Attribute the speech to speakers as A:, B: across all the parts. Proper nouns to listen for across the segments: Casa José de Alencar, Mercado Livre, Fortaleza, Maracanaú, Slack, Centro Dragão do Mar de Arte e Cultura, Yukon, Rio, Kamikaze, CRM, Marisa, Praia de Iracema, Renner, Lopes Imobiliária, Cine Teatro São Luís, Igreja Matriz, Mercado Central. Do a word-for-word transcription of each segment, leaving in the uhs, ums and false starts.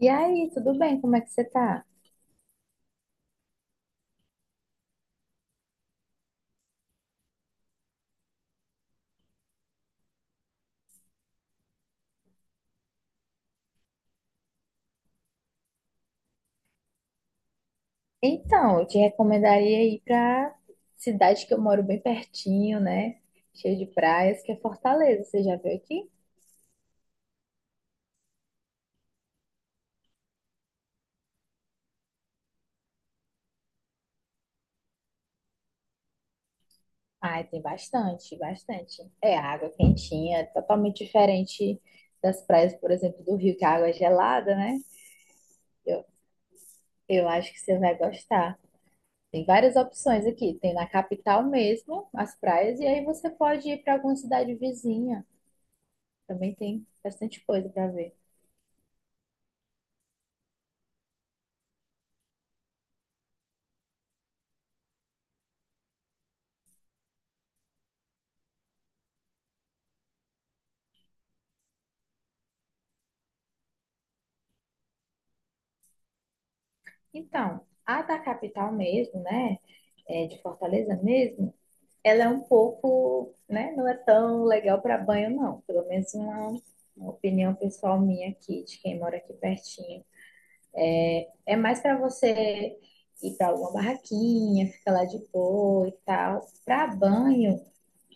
A: E aí, tudo bem? Como é que você tá? Então, eu te recomendaria ir pra cidade que eu moro bem pertinho, né? Cheio de praias, que é Fortaleza. Você já veio aqui? Ah, tem bastante, bastante. É água quentinha, é totalmente diferente das praias, por exemplo, do Rio, que a água é gelada, né? Eu, eu acho que você vai gostar. Tem várias opções aqui. Tem na capital mesmo as praias, e aí você pode ir para alguma cidade vizinha. Também tem bastante coisa para ver. Então, a da capital mesmo, né? É, de Fortaleza mesmo, ela é um pouco, né? Não é tão legal para banho, não. Pelo menos uma, uma opinião pessoal minha aqui, de quem mora aqui pertinho. É mais para você ir para alguma barraquinha, ficar lá de boa e tal. Para banho,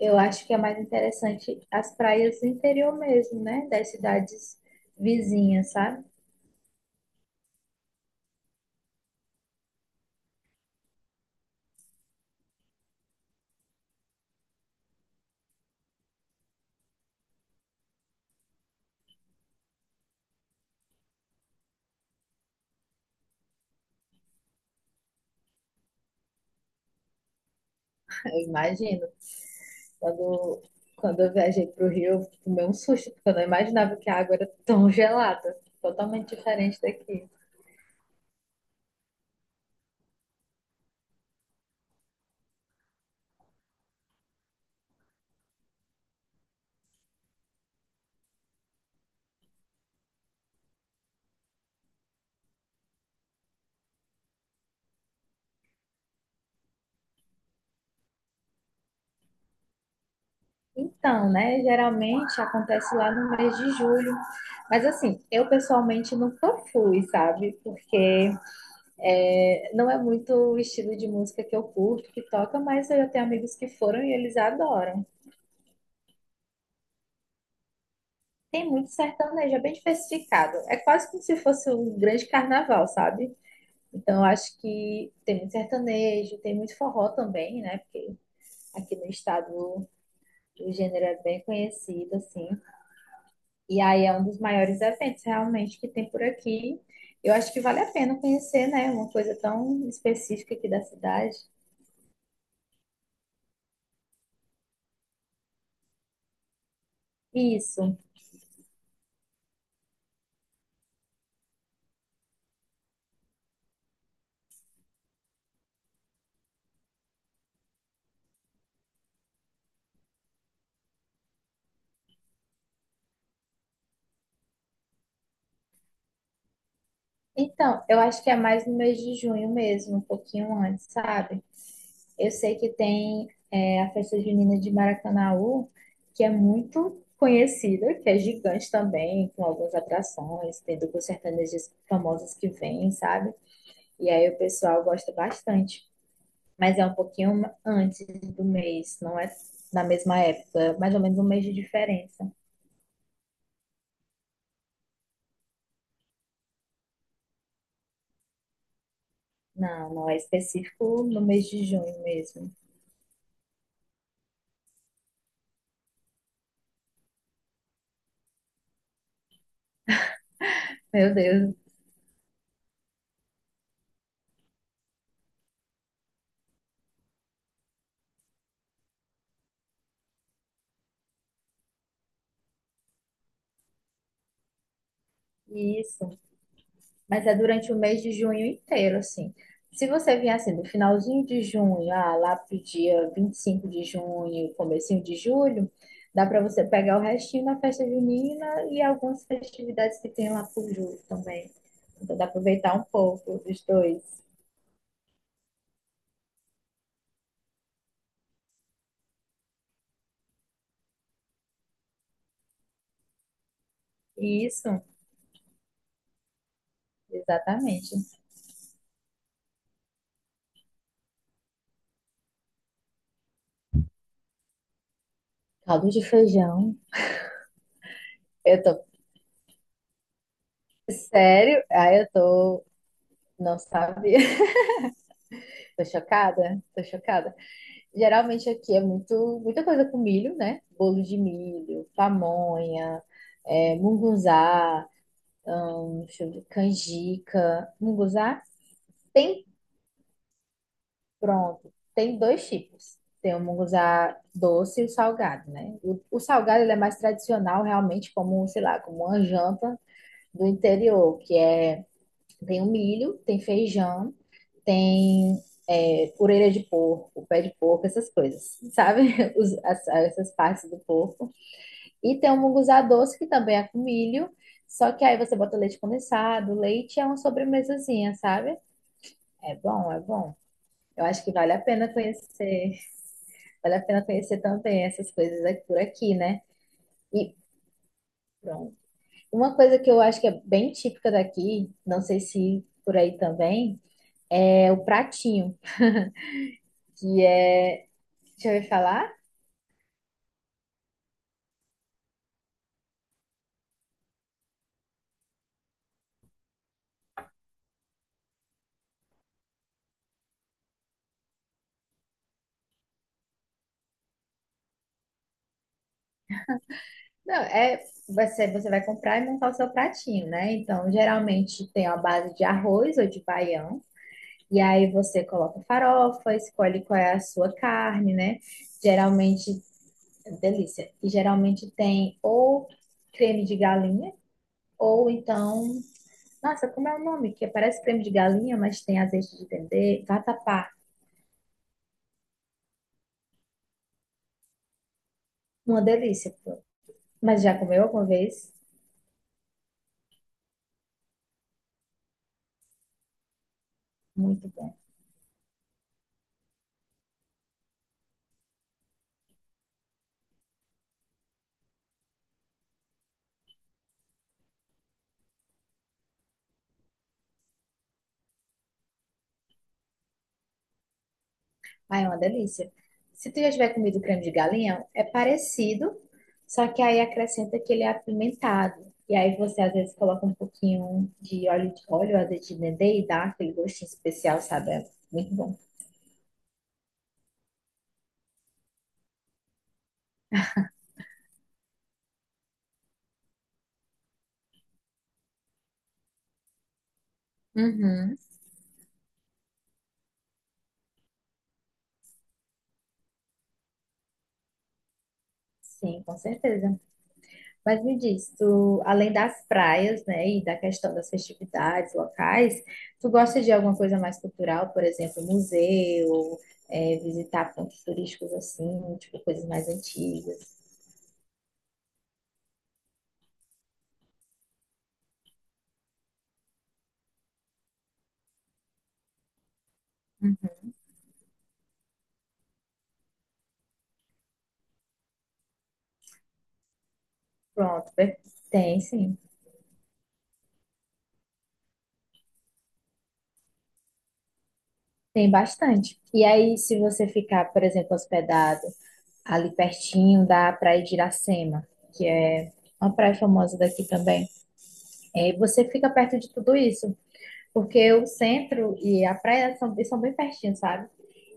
A: eu acho que é mais interessante as praias do interior mesmo, né? Das cidades vizinhas, sabe? Eu imagino. Quando, quando eu viajei para o Rio, eu tomei um susto, porque eu não imaginava que a água era tão gelada, totalmente diferente daqui. Então, né, geralmente acontece lá no mês de julho. Mas assim, eu pessoalmente nunca fui, sabe? Porque é, não é muito o estilo de música que eu curto, que toca, mas eu já tenho amigos que foram e eles adoram. Tem muito sertanejo, é bem diversificado. É quase como se fosse um grande carnaval, sabe? Então, eu acho que tem muito sertanejo, tem muito forró também, né? Porque aqui no estado o gênero é bem conhecido, assim. E aí é um dos maiores eventos realmente que tem por aqui. Eu acho que vale a pena conhecer, né? Uma coisa tão específica aqui da cidade. Isso. Então, eu acho que é mais no mês de junho mesmo, um pouquinho antes, sabe? Eu sei que tem é, a festa junina de Maracanaú, que é muito conhecida, que é gigante também, com algumas atrações, tem duplos sertanejos famosos que vêm, sabe? E aí o pessoal gosta bastante. Mas é um pouquinho antes do mês, não é na mesma época, é mais ou menos um mês de diferença. Não, não é específico no mês de junho mesmo. Meu Deus, isso. Mas é durante o mês de junho inteiro, assim. Se você vier assim, do finalzinho de junho, ah, lá pro dia vinte e cinco de junho, comecinho de julho, dá para você pegar o restinho da festa junina e algumas festividades que tem lá por julho também. Então dá pra aproveitar um pouco dos dois. Isso, exatamente. Caldo de feijão. Eu tô, sério? Ah, eu tô, não sabia. Tô chocada, tô chocada. Geralmente aqui é muito, muita coisa com milho, né? Bolo de milho, pamonha, é, mungunzá, deixa eu ver, canjica. Mungunzá tem, pronto, tem dois tipos. Tem o mungunzá doce e o salgado, né? O, o salgado ele é mais tradicional, realmente, como, sei lá, como uma janta do interior, que é, tem o milho, tem feijão, tem é, orelha de porco, pé de porco, essas coisas, sabe? Os- as- essas partes do porco. E tem o munguzá doce, que também é com milho. Só que aí você bota leite condensado, leite é uma sobremesazinha, sabe? É bom, é bom. Eu acho que vale a pena conhecer, vale a pena conhecer também essas coisas aqui- por aqui, né? E pronto. Uma coisa que eu acho que é bem típica daqui, não sei se por aí também, é o pratinho, que é, deixa eu ver falar? Não, é você, você vai comprar e montar o seu pratinho, né? Então, geralmente tem uma base de arroz ou de baião. E aí você coloca farofa, escolhe qual é a sua carne, né? Geralmente, delícia. E geralmente tem ou creme de galinha, ou então, nossa, como é o nome? Que parece creme de galinha, mas tem azeite de dendê, vatapá. Uma delícia, pô. Mas já comeu alguma vez? Muito bom. Ai, é uma delícia. Se tu já tiver comido creme de galinha, é parecido, só que aí acrescenta que ele é apimentado. E aí você às vezes coloca um pouquinho de óleo de óleo, azeite de dendê e dá aquele gostinho especial, sabe? É muito bom. Uhum. Sim, com certeza. Mas me diz, tu, além das praias, né, e da questão das festividades locais, tu gosta de alguma coisa mais cultural, por exemplo, museu, é, visitar pontos turísticos assim, tipo coisas mais antigas? Pronto, per- tem sim, tem bastante. E aí, se você ficar, por exemplo, hospedado ali pertinho da Praia de Iracema, que é uma praia famosa daqui também, é, você fica perto de tudo isso, porque o centro e a praia são, são bem pertinhos, sabe?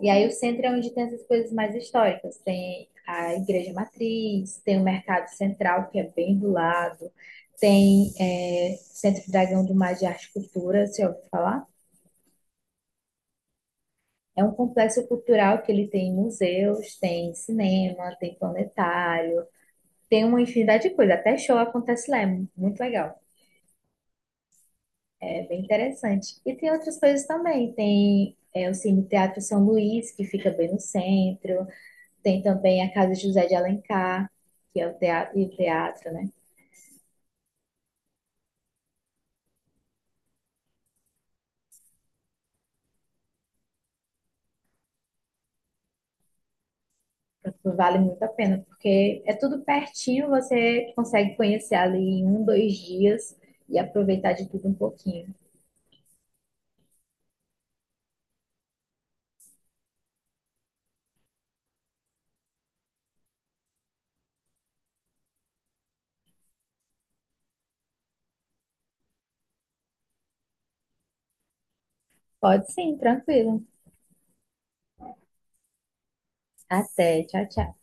A: E aí o centro é onde tem essas coisas mais históricas, tem a Igreja Matriz, tem o Mercado Central, que é bem do lado, tem é, Centro Dragão do Mar de Arte e Cultura, se ouviu falar? É um complexo cultural que ele tem museus, tem cinema, tem planetário, tem uma infinidade de coisas. Até show acontece lá, é muito legal. É bem interessante. E tem outras coisas também. Tem é, o Cine Teatro São Luís, que fica bem no centro. Tem também a Casa José de Alencar, que é o teatro, e o teatro, né? Vale muito a pena, porque é tudo pertinho, você consegue conhecer ali em um, dois dias e aproveitar de tudo um pouquinho. Pode sim, tranquilo. Até. Tchau, tchau.